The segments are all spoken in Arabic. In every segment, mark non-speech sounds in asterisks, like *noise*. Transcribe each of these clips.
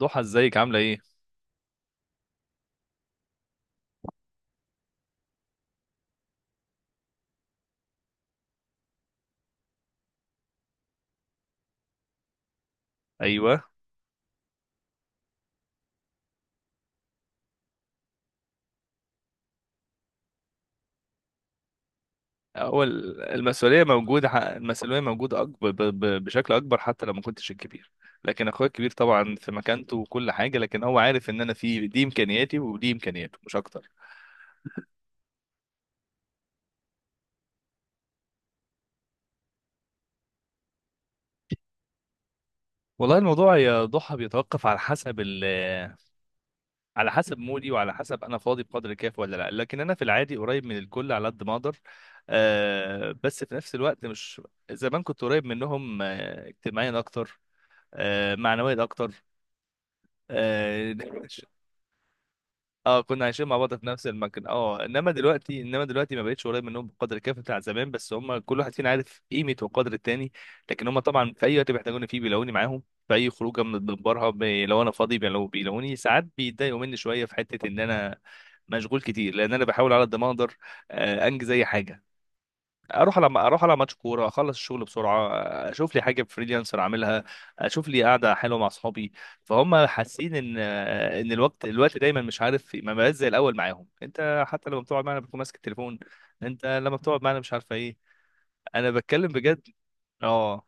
ضحى، ازيك؟ عامله ايه؟ ايوه. هو المسؤوليه موجوده اكبر بشكل اكبر حتى لو ما كنتش الكبير. لكن اخويا الكبير طبعا في مكانته وكل حاجه، لكن هو عارف ان انا في دي امكانياتي ودي امكانياته مش اكتر. والله الموضوع يا ضحى بيتوقف على حسب ال... *laughs* على حسب مودي وعلى حسب انا فاضي بقدر الكافي ولا لا، لكن انا في العادي قريب من الكل على قد ما اقدر. آه بس في نفس الوقت مش... زمان كنت قريب منهم، آه اجتماعيا اكتر، آه معنويا اكتر. اه. آه، كنا عايشين مع بعض في نفس المكان، اه. انما دلوقتي ما بقتش قريب منهم بقدر الكافي بتاع زمان، بس هم كل واحد فينا عارف قيمه وقدر التاني. لكن هم طبعا في اي وقت بيحتاجوني فيه بيلاقوني معاهم. في اي خروجه من بنبرها لو انا فاضي بيلاقوني. ساعات بيتضايقوا مني شويه في حته ان انا مشغول كتير، لان انا بحاول على قد ما اقدر، انجز اي حاجه. اروح على ماتش كوره، اخلص الشغل بسرعه، اشوف لي حاجه فريلانسر اعملها، اشوف لي قاعده حلوه مع اصحابي. فهم حاسين ان الوقت دايما مش عارف ما بقاش زي الاول معاهم. انت حتى لما بتقعد معانا بتكون ماسك التليفون، انت لما بتقعد معانا مش عارفه ايه. انا بتكلم بجد. اه.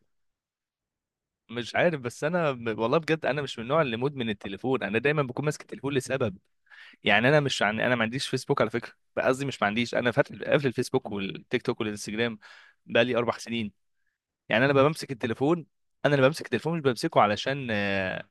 مش عارف، بس انا والله بجد انا مش من النوع اللي مدمن التليفون. انا دايما بكون ماسك التليفون لسبب. يعني انا مش عن... انا ما عنديش فيسبوك على فكره، قصدي مش ما عنديش، انا فاتح قافل الفيسبوك والتيك توك والانستجرام بقالي 4 سنين. يعني انا بمسك التليفون. انا اللي بمسك التليفون مش بمسكه علشان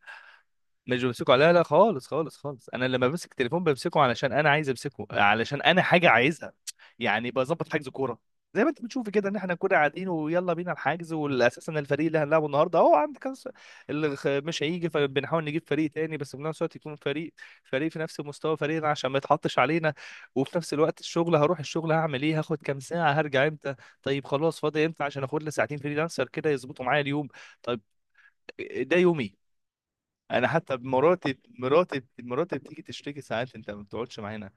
مش بمسكه على- لا لا خالص خالص خالص، انا لما بمسك التليفون بمسكه علشان انا عايز امسكه، علشان انا حاجه عايزها. يعني بظبط حجز كوره، زي ما انت بتشوف كده ان احنا كنا قاعدين ويلا بينا الحجز، والاساس ان الفريق اللي هنلعبه النهارده اهو عندك مش هيجي، فبنحاول نجيب فريق تاني بس في نفس الوقت يكون فريق في نفس مستوى فريقنا عشان ما يتحطش علينا. وفي نفس الوقت الشغل، هروح الشغل هعمل ايه، هاخد كام ساعه، هرجع امتى، طيب خلاص فاضي امتى عشان اخد لي ساعتين فريلانسر كده يظبطوا معايا اليوم. طيب. ده يومي. انا حتى مراتي بتيجي تشتكي ساعات، انت ما بتقعدش معانا،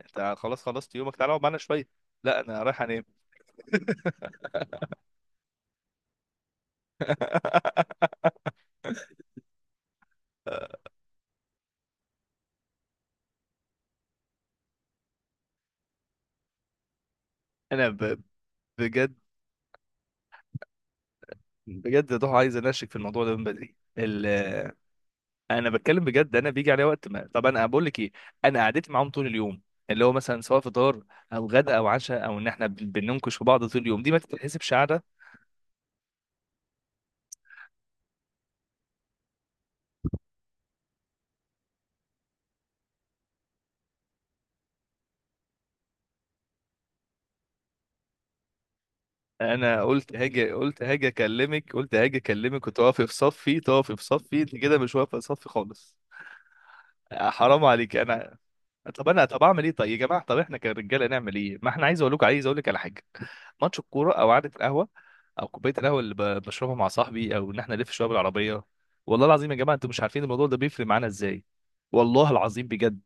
انت خلاص خلصت يومك، تعالى اقعد معانا شويه. لا انا رايح انام. *laughs* انا ب... بجد، بجد يا ضحى عايز انشك في الموضوع ده من بدري ال... انا بتكلم بجد. انا بيجي عليا وقت ما، طب انا بقول لك ايه، انا قعدتي معاهم طول اليوم، اللي هو مثلا سواء فطار او غدا او عشاء، او ان احنا بننكش في بعض طول اليوم، دي ما تتحسبش قعده. انا قلت هاجي اكلمك وتقفي في صفي، انت كده مش واقفه في صفي خالص. آه، حرام عليك. انا طب اعمل ايه؟ طيب يا جماعه، طب احنا كرجاله نعمل ايه؟ ما احنا عايز اقول لك على حاجه. ماتش الكوره او قعده القهوه او كوبايه القهوه اللي بشربها مع صاحبي، او ان احنا نلف شويه بالعربيه. والله العظيم يا جماعه انتوا مش عارفين الموضوع ده بيفرق معانا ازاي. والله العظيم بجد.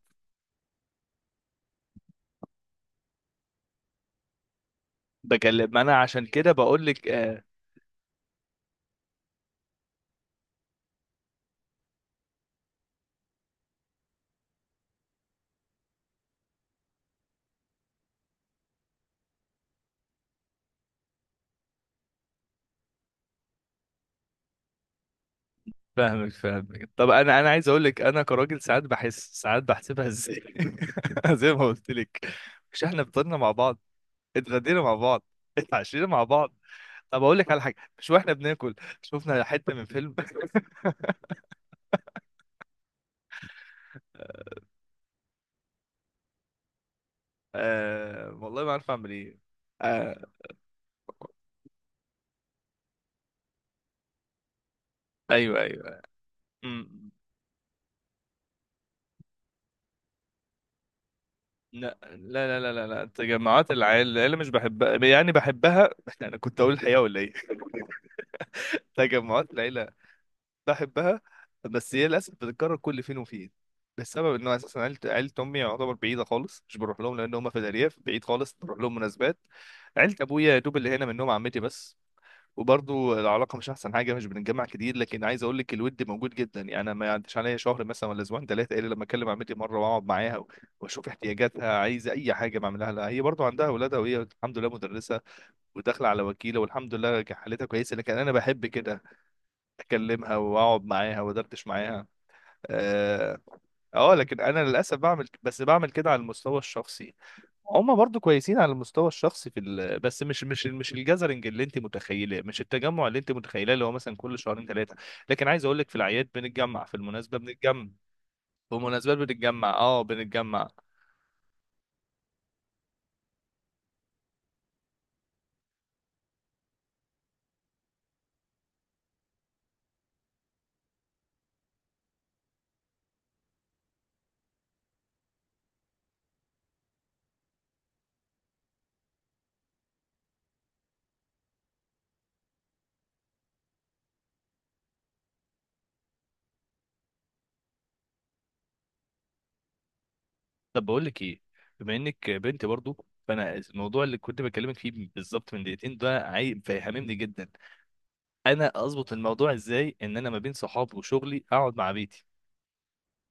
بكلم، ما انا عشان كده بقول لك، فاهمك، فاهمك. طب انا عايز اقول لك، انا كراجل ساعات بحس، ساعات بحسبها ازاي؟ *laughs* زي ما قلت لك، مش احنا فطرنا مع بعض، اتغدينا مع بعض، اتعشينا مع بعض، طب اقول لك على حاجه، مش واحنا بناكل شفنا حته من فيلم؟ *laughs* آه والله ما عارف اعمل ايه. آه. ايوه ايوه. أمم. لا لا لا لا لا لا. تجمعات العيله، العيله مش بحبها يعني بحبها. *laughs* انا كنت اقول الحقيقه ولا ايه؟ *laughs* تجمعات العيله بحبها، بس هي للاسف بتتكرر كل فين وفين، بسبب انه اساسا عيلة امي يعتبر بعيده خالص، مش بروح لهم لان هم في الارياف بعيد خالص، بروح لهم مناسبات. عيلة ابويا يا دوب اللي هنا منهم عمتي بس. وبرضه العلاقه مش احسن حاجه، مش بنتجمع كتير، لكن عايز اقول لك الود موجود جدا. يعني انا ما يعديش عليا شهر مثلا ولا اسبوعين ثلاثه الا لما اكلم عمتي مره واقعد معاها واشوف احتياجاتها، عايزه اي حاجه بعملها لها. هي برضه عندها اولادها، وهي الحمد لله مدرسه وداخله على وكيله، والحمد لله حالتها كويسه، لكن انا بحب كده اكلمها واقعد معاها وادردش معاها. اه. آه، لكن انا للاسف بعمل، بس بعمل كده على المستوى الشخصي. هم برضو كويسين على المستوى الشخصي في ال... بس مش الجازرنج اللي انت متخيله، مش التجمع اللي انت متخيله، اللي هو مثلا كل شهرين ثلاثه. لكن عايز اقول لك في الاعياد بنتجمع، في المناسبه بنتجمع، في المناسبات بنتجمع. اه بنتجمع. طب بقول لك ايه، بما انك بنت برضو، فانا الموضوع اللي كنت بكلمك فيه بالظبط من دقيقتين ده عايب فاهمني جدا. انا اظبط الموضوع ازاي ان انا ما بين صحابي وشغلي اقعد مع بيتي؟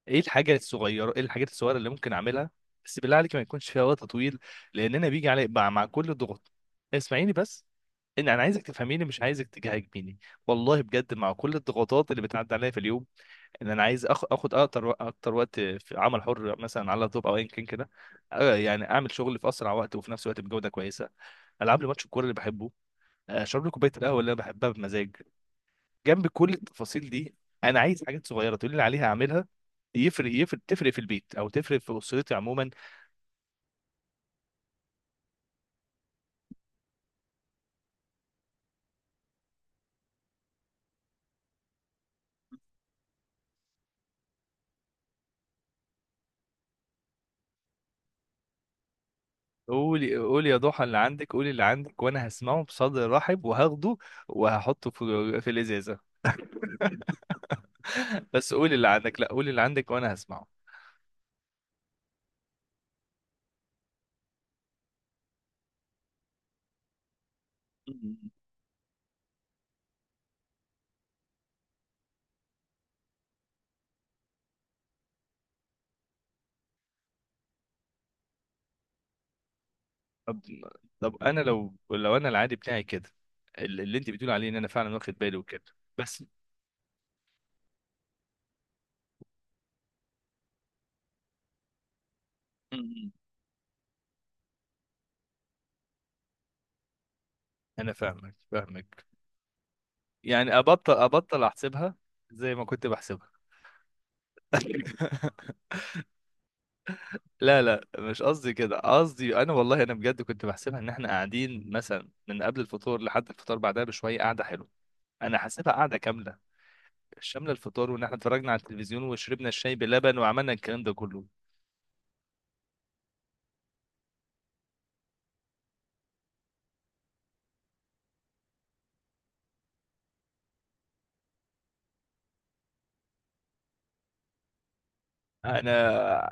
ايه الحاجه الصغيره، ايه الحاجات الصغيره اللي ممكن اعملها؟ بس بالله عليك ما يكونش فيها وقت طويل، لان انا بيجي علي مع كل الضغوط. اسمعيني بس، ان انا عايزك تفهميني مش عايزك تجاهجميني. والله بجد مع كل الضغوطات اللي بتعدي عليا في اليوم، ان انا عايز اخد اكتر وقت في عمل حر مثلا على اللابتوب او ايا كان كده، آه، يعني اعمل شغل في اسرع وقت وفي نفس الوقت بجوده كويسه. العب لي ماتش الكوره اللي بحبه، آه، اشرب لي كوبايه القهوه اللي انا بحبها بمزاج، جنب كل التفاصيل دي. انا عايز حاجات صغيره تقول لي عليها اعملها، يفرق، تفرق في البيت او تفرق في اسرتي عموما. قولي، قولي يا ضحى اللي عندك، قولي اللي عندك وانا هسمعه بصدر رحب وهاخده وهحطه في الازازه. *laughs* بس قولي اللي عندك، لا قولي اللي عندك وانا هسمعه. مم. طب طب انا لو انا العادي بتاعي كده، اللي انت بتقول عليه ان انا فعلا واخد بالي وكده، بس. مم. انا فاهمك، فاهمك، يعني ابطل احسبها زي ما كنت بحسبها. *laughs* لا لا مش قصدي كده، قصدي انا والله انا بجد كنت بحسبها ان احنا قاعدين مثلا من قبل الفطور لحد الفطار بعدها بشويه قاعده حلوه. انا حاسبها قاعده كامله، شامله الفطار وان احنا اتفرجنا على التلفزيون وشربنا الشاي بلبن وعملنا الكلام ده كله. انا.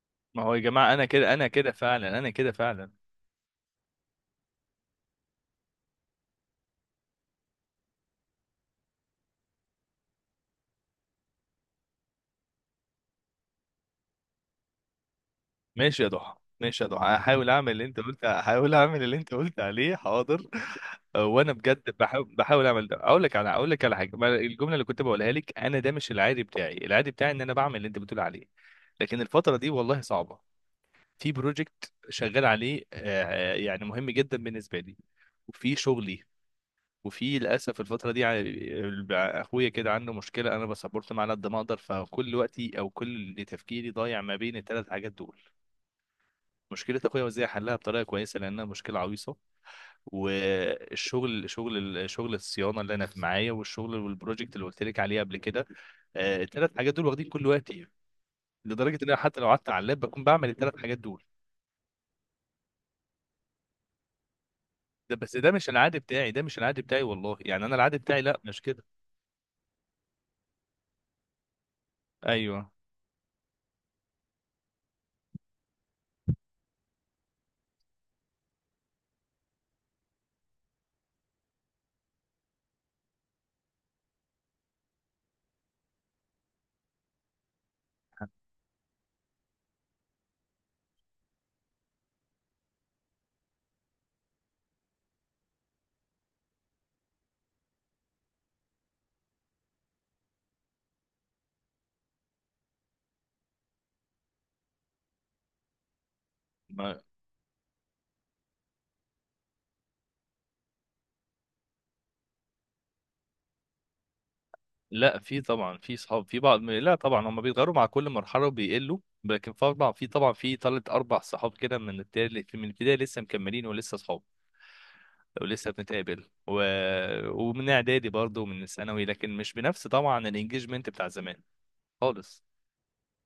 *laughs* ما هو يا جماعه انا كده فعلا، انا كده فعلا. ماشي يا ضحى، هحاول اعمل اللي انت قلت، هحاول اعمل اللي انت قلت عليه حاضر. آه، وانا بجد بحاول اعمل ده. اقول لك على، حاجه، ما الجمله اللي كنت بقولها لك، انا ده مش العادي بتاعي، العادي بتاعي ان انا بعمل اللي انت بتقول عليه. لكن الفتره دي والله صعبه، في بروجكت شغال عليه، آه، يعني مهم جدا بالنسبه لي وفي شغلي. وفي للاسف الفتره دي اخويا كده عنده مشكله، انا بسبورت معاه على قد ما اقدر، فكل وقتي او كل تفكيري ضايع ما بين الثلاث حاجات دول. مشكله اخويا وازاي احلها بطريقه كويسه لانها مشكله عويصه، والشغل، شغل الصيانه اللي انا في معايا، والشغل والبروجكت اللي قلت لك عليه قبل كده. آه، الثلاث حاجات دول واخدين كل وقتي يعني. لدرجه ان انا حتى لو قعدت على اللاب بكون بعمل الثلاث حاجات دول. ده مش العادي بتاعي، ده مش العادي بتاعي والله، يعني انا العادي بتاعي لا مش كده. ايوه. ما لا، في طبعا في صحاب، في بعض، لا طبعا هم بيتغيروا مع كل مرحله وبيقلوا، لكن في طبعا، في ثلاث اربع صحاب كده من التالت من البدايه لسه مكملين ولسه صحاب، لو لسه بنتقابل و... ومن اعدادي برضه ومن الثانوي، لكن مش بنفس طبعا الانجيجمنت بتاع زمان خالص.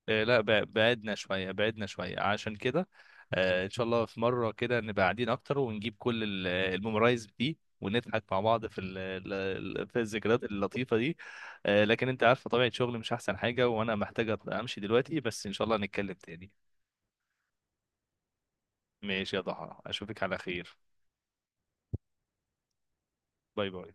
آه، لا بعدنا شويه عشان كده. آه، ان شاء الله في مره كده نبقى قاعدين اكتر، ونجيب كل ال- الميمورايز دي، ونضحك مع بعض في ال... ال- في الذكريات اللطيفه دي. آه، لكن انت عارفه طبيعه شغلي مش احسن حاجه، وانا محتاجه امشي دلوقتي، بس ان شاء الله نتكلم تاني. ماشي يا ضحى، اشوفك على خير. باي باي.